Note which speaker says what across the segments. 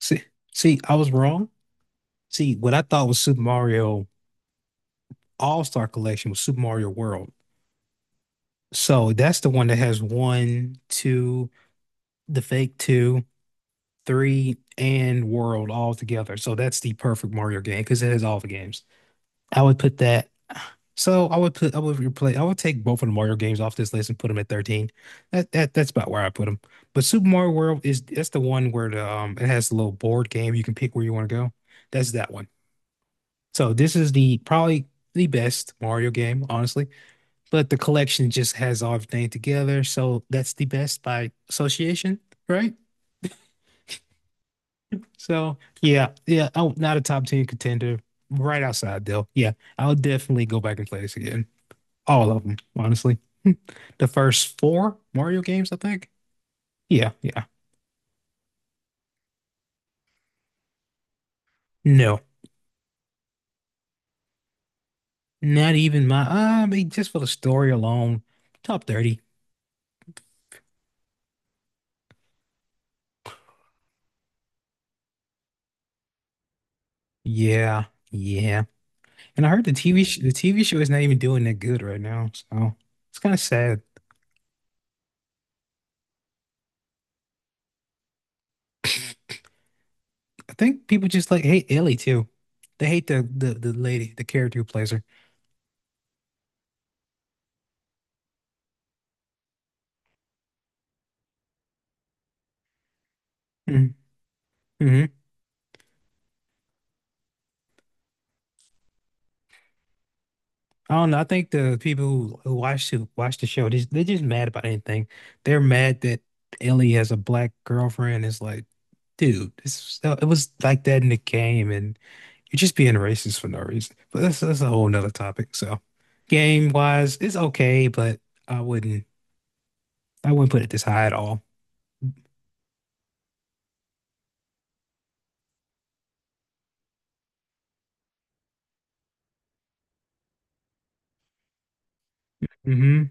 Speaker 1: See, see, I was wrong. See, what I thought was Super Mario All-Star Collection was Super Mario World. So that's the one that has one, two, the fake two, three, and World all together. So that's the perfect Mario game because it has all the games. I would put that. So I would replay, I would take both of the Mario games off this list and put them at 13. That's about where I put them. But Super Mario World is that's the one where the it has a little board game you can pick where you want to go. That's that one. So this is the probably the best Mario game, honestly. But the collection just has everything together, so that's the best by association, right? So yeah, yeah. Oh, not a top 10 contender. Right outside though. Yeah, I'll definitely go back and play this again. All of them, honestly. The first four Mario games, I think. Yeah, yeah. No, not even my. I mean, just for the story alone, top 30. Yeah, yeah. And I heard the TV sh the TV show is not even doing that good right now, so it's kind of sad. I think people just like hate Ellie too. They hate the lady, the character who plays her. Mm-hmm. Mm-hmm. I don't know. I think the people who watch the show, they're just mad about anything. They're mad that Ellie has a black girlfriend. It's like, dude, this it was like that in the game, and you're just being racist for no reason. But that's a whole nother topic. So, game wise, it's okay, but I wouldn't I wouldn't put it this high at all. Hmm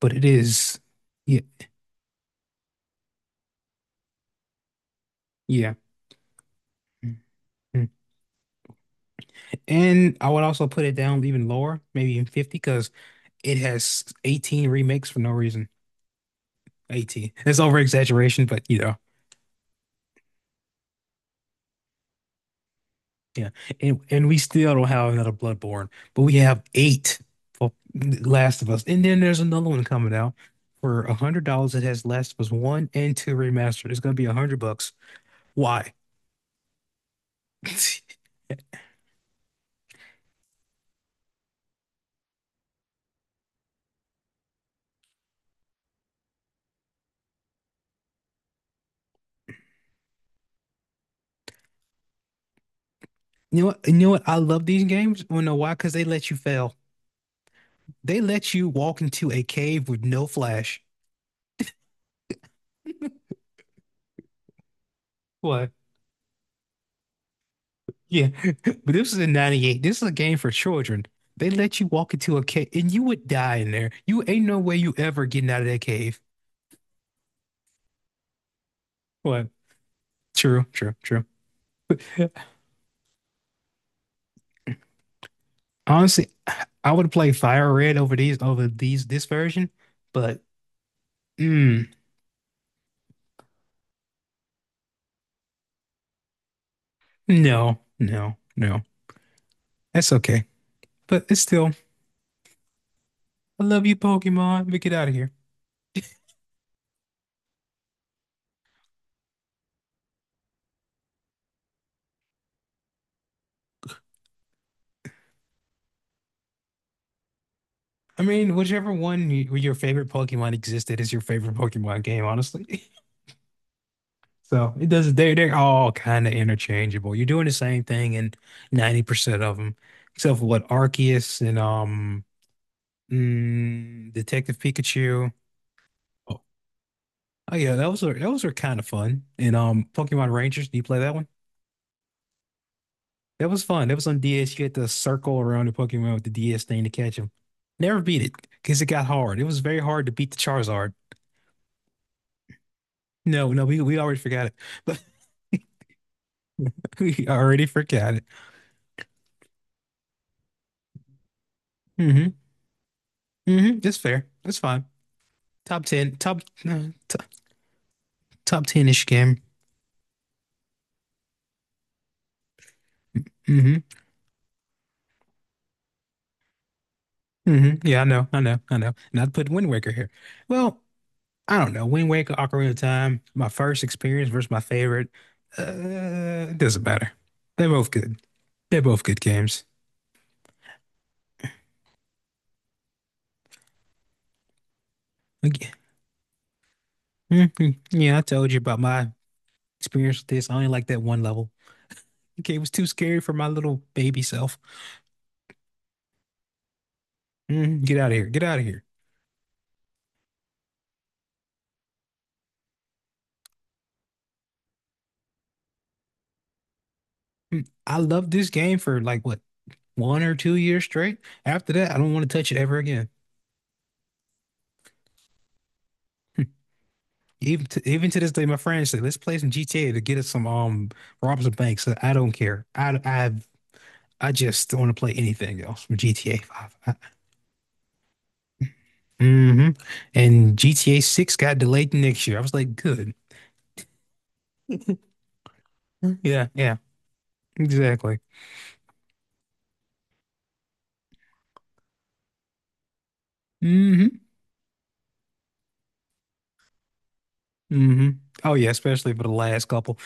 Speaker 1: But it is, yeah, yeah. Mhm. And I would also put it down even lower, maybe even 50, because it has 18 remakes for no reason. 18. It's over exaggeration, but yeah. And we still don't have another Bloodborne, but we have eight for Last of Us. And then there's another one coming out for $100 that has Last of Us one and two remastered. It's gonna be $100. Why? You know what? You know what? I love these games. Wanna know why? Because they let you fail. They let you walk into a cave with no flash. What? Yeah. But this is in 98. This is a game for children. They let you walk into a cave and you would die in there. You ain't no way you ever getting out of that cave. What? True, true, true. Honestly, I would play Fire Red over these this version, but mm, no, no, no. That's okay. But it's still, I love you, Pokemon, but get out of here. I mean, your favorite Pokemon existed is your favorite Pokemon game, honestly. So it does. They're all kind of interchangeable. You're doing the same thing in 90% of them, except for what Arceus and Detective Pikachu. Oh oh, yeah, those are kind of fun. And Pokemon Rangers. Do you play that one? That was fun. That was on DS. You had to circle around the Pokemon with the DS thing to catch them. Never beat it because it got hard. It was very hard to beat the Charizard. No, no, we already forgot it. But we already forgot it. Mm-hmm. Mm-hmm. That's fair. That's fine. Top 10, top, no, to- Top 10-ish game. Hmm hmm Yeah, I know, I know, I know. And I put Wind Waker here. Well, I don't know. Wind Waker, Ocarina of Time, my first experience versus my favorite. It doesn't matter. They're both good. They're both good games. Like, mhm. Yeah, I told you about my experience with this. I only like that one level. Okay, it was too scary for my little baby self. Mhm. Get out of here. Get out of here. Mm. I loved this game for like what, 1 or 2 years straight. After that, I don't want to touch it ever again. Even to this day, my friends say, let's play some GTA to get us some rob some banks. So I don't care. I I just don't want to play anything else from GTA 5. Hmm And GTA 6 got delayed to next year. I was like, good. Yeah, yeah, exactly. hmm hmm Oh yeah, especially for the last couple.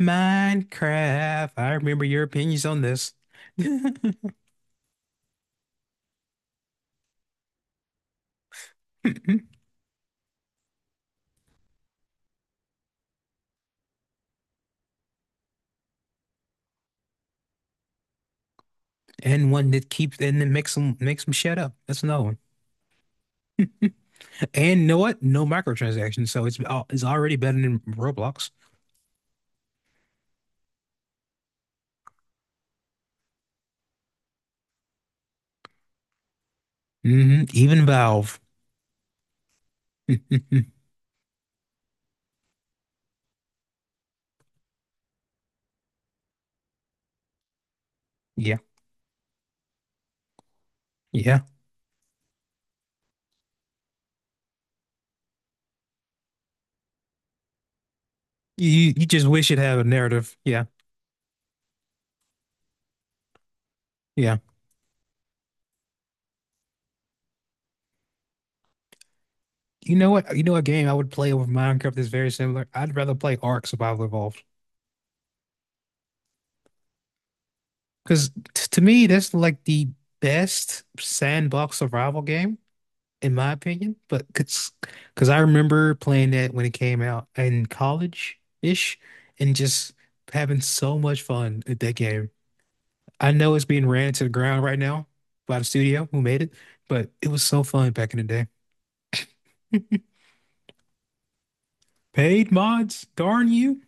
Speaker 1: Minecraft. I remember your opinions on this. And one that keeps and then makes them shut up. That's another one. And you know what? No microtransactions, so it's already better than Roblox. Hmm Even Valve. Yeah, yeah. You just wish it had a narrative. Yeah, yeah. You know what? You know a game I would play over Minecraft is very similar. I'd rather play Ark Survival Evolved because to me that's like the best sandbox survival game in my opinion. But because I remember playing that when it came out in college ish, and just having so much fun at that game. I know it's being ran to the ground right now by the studio who made it, but it was so fun back in the day. Paid mods, darn you.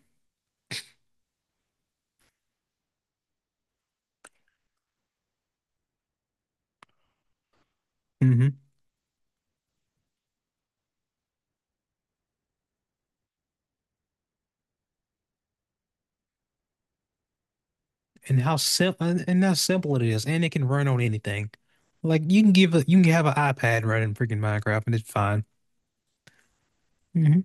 Speaker 1: Hmm And how simple it is, and it can run on anything. Like you can have an iPad running freaking Minecraft, and it's fine. Hmm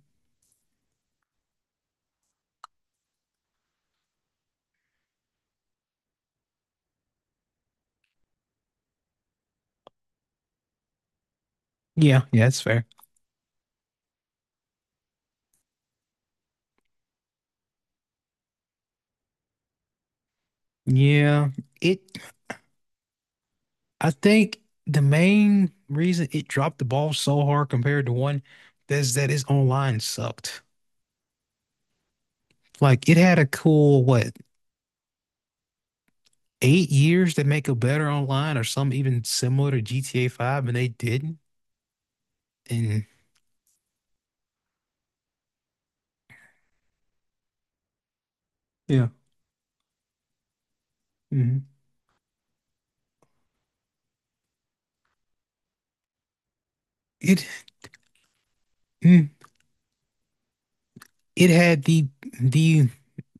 Speaker 1: Yeah, yeah, that's fair. Yeah, it. I think the main reason it dropped the ball so hard compared to one is that its online sucked. Like it had a cool what 8 years to make a better online or some even similar to GTA 5 and they didn't and Yeah. Mhm. it mm, it had the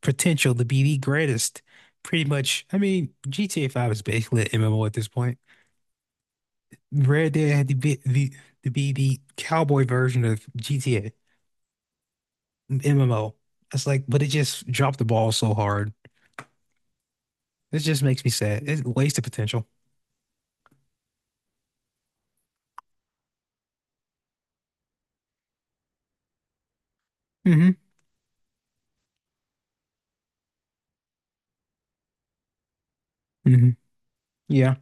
Speaker 1: potential to be the greatest pretty much. I mean GTA 5 is basically an MMO at this point. Red Dead had to be the cowboy version of GTA MMO. It's like, but it just dropped the ball so hard. It just makes me sad, it wasted potential. Hmm hmm yeah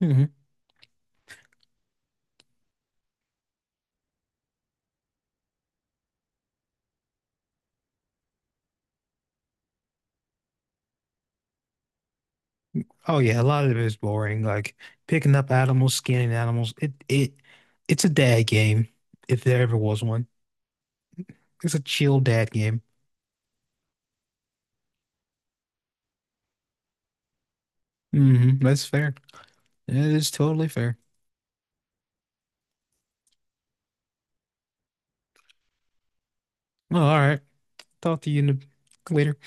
Speaker 1: Mhm. Oh yeah, a lot of it is boring. Like picking up animals, scanning animals. It it's a dad game, if there ever was one. It's a chill dad game. Hmm That's fair. It is totally fair. Well, all right. Talk to you in a, Later.